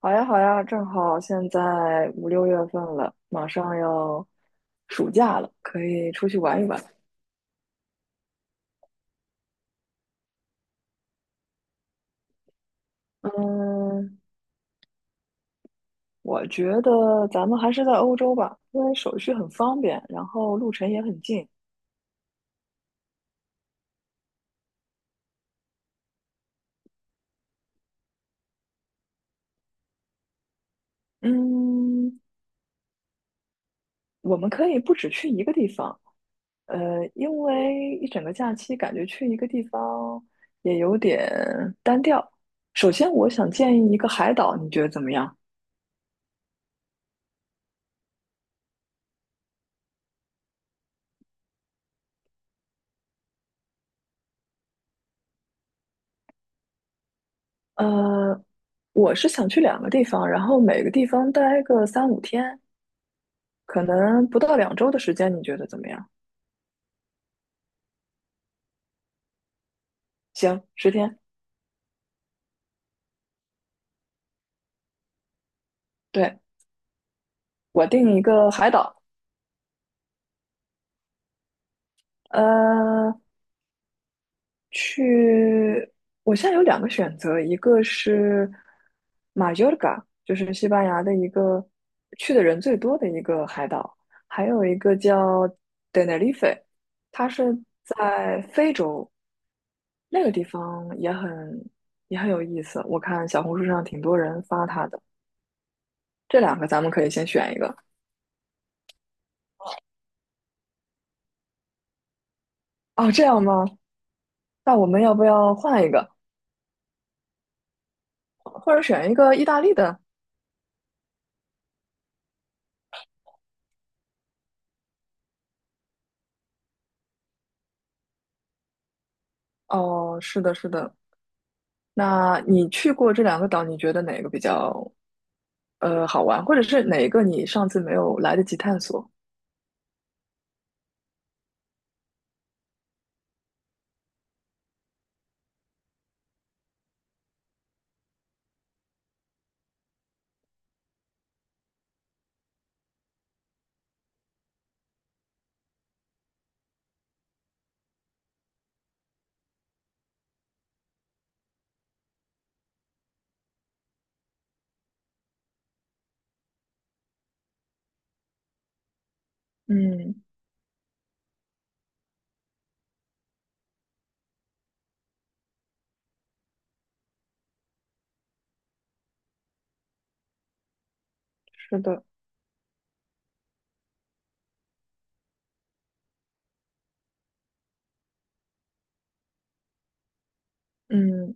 好呀，好呀，正好现在五六月份了，马上要暑假了，可以出去玩一玩。嗯，我觉得咱们还是在欧洲吧，因为手续很方便，然后路程也很近。嗯，我们可以不止去一个地方，因为一整个假期感觉去一个地方也有点单调。首先，我想建议一个海岛，你觉得怎么样？呃，我是想去两个地方，然后每个地方待个三五天，可能不到两周的时间，你觉得怎么样？行，十天。对，我定一个海岛，呃，去。我现在有两个选择，一个是马约尔嘎，就是西班牙的一个去的人最多的一个海岛，还有一个叫 t e n e， 它是在非洲，那个地方也很也很有意思，我看小红书上挺多人发它的。这两个咱们可以先选一个。哦，这样吗？那我们要不要换一个，或者选一个意大利的？哦，是的，是的。那你去过这两个岛，你觉得哪个比较好玩，或者是哪一个你上次没有来得及探索？嗯，是的，嗯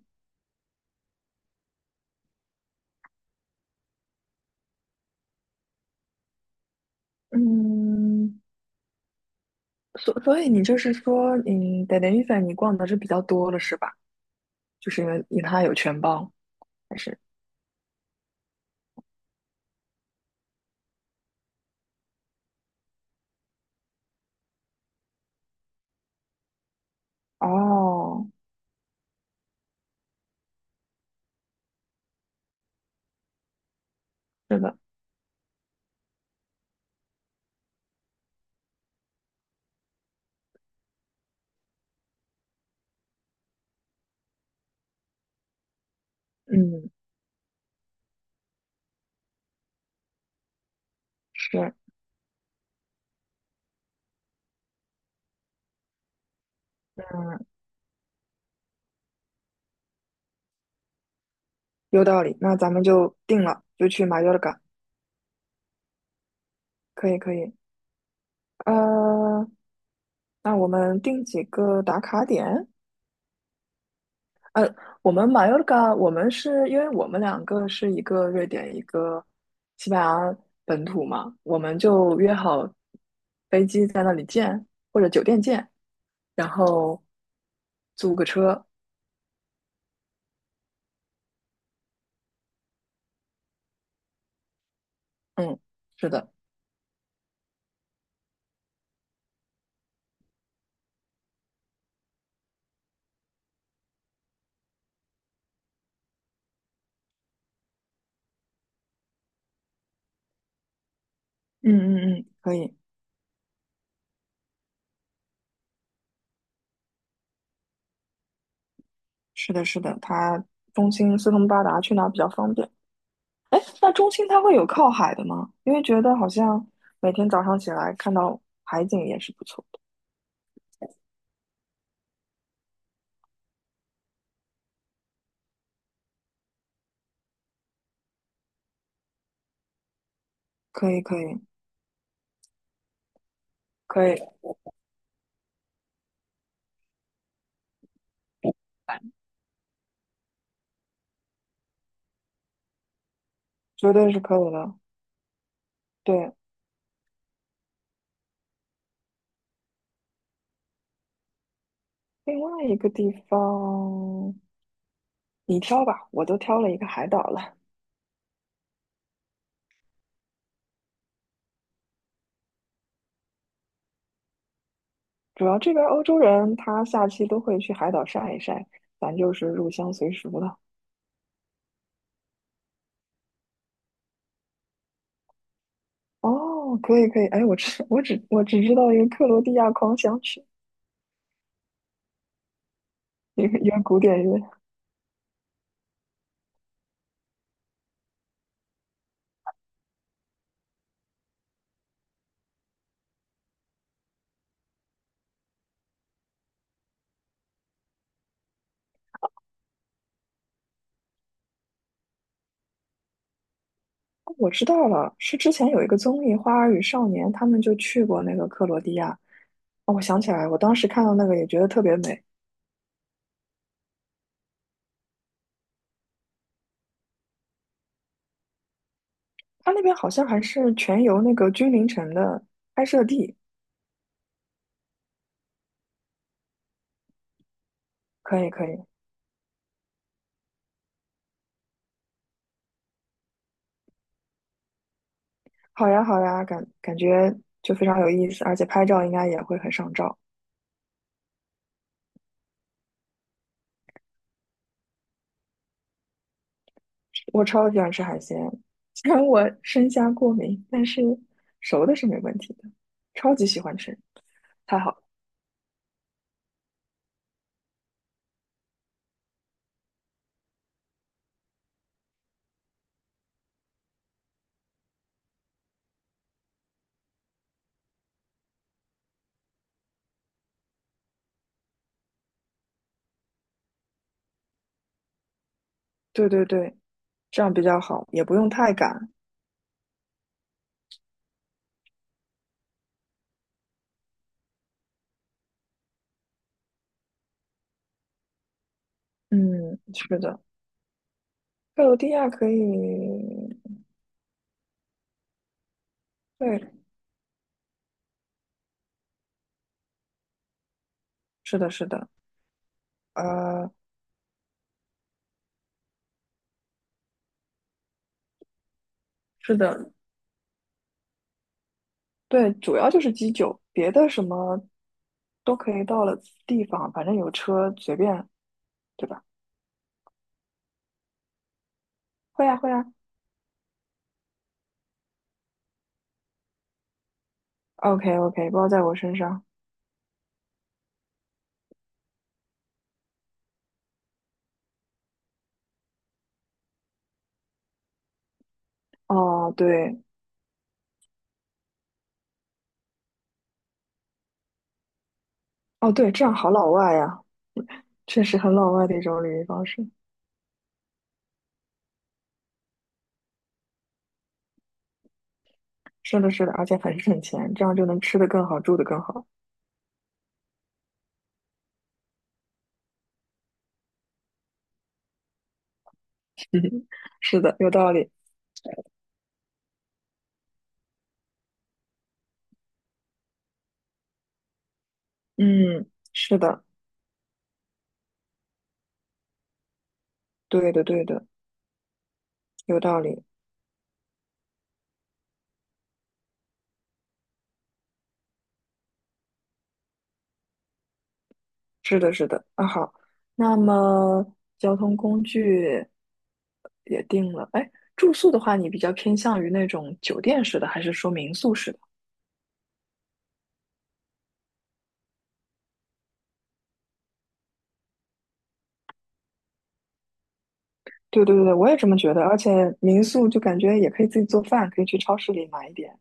嗯，所以你就是说，嗯，在连 n 粉你逛的是比较多了，是吧？就是因为它有全包。还是哦，是的，嗯，是，嗯，有道理。那咱们就定了，就去马约尔嘎。可以，可以。呃，那我们定几个打卡点？呃，我们马约尔嘎，我们是因为我们两个是一个瑞典，一个西班牙本土嘛，我们就约好飞机在那里见，或者酒店见，然后租个车。嗯，是的，嗯嗯嗯，可以。是的，是的，它中心四通八达，去哪儿比较方便？哎，那中心它会有靠海的吗？因为觉得好像每天早上起来看到海景也是不错的。可以，可以，可以，绝对是可以的。对，另外一个地方你挑吧，我都挑了一个海岛了。主要这边欧洲人他下期都会去海岛晒一晒，咱就是入乡随俗了。哦，可以可以，哎，我只知道一个克罗地亚狂想曲，一个古典乐。我知道了，是之前有一个综艺《花儿与少年》，他们就去过那个克罗地亚。哦，我想起来了，我当时看到那个也觉得特别美。它那边好像还是全游那个君临城的拍摄地。可以，可以，好呀，好呀，感觉就非常有意思，而且拍照应该也会很上照。我超喜欢吃海鲜，虽然我生虾过敏，但是熟的是没问题的，超级喜欢吃，太好了。对对对，这样比较好，也不用太赶。嗯，是的。克罗地亚可以，对，是的，是的，呃，是的，对，主要就是基酒，别的什么都可以到了地方，反正有车随便，对吧？会呀，会呀， o k OK，包在我身上。哦，对，哦对，这样好老外呀，确实很老外的一种旅游方式。是的，是的，而且很省钱，这样就能吃的更好，住的更好。嗯，是的，有道理。嗯，是的，对的，对的，有道理。是的，是的，啊好，那么交通工具也定了。哎，住宿的话，你比较偏向于那种酒店式的，还是说民宿式的？对对对，我也这么觉得。而且民宿就感觉也可以自己做饭，可以去超市里买一点。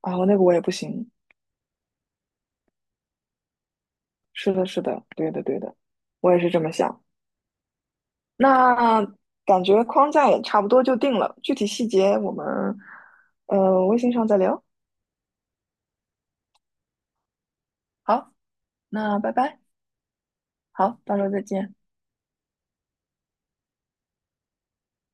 啊，我那个我也不行。是的，是的，对的，对的，我也是这么想。那感觉框架也差不多就定了，具体细节我们微信上再聊。好，那拜拜，好，到时候再见。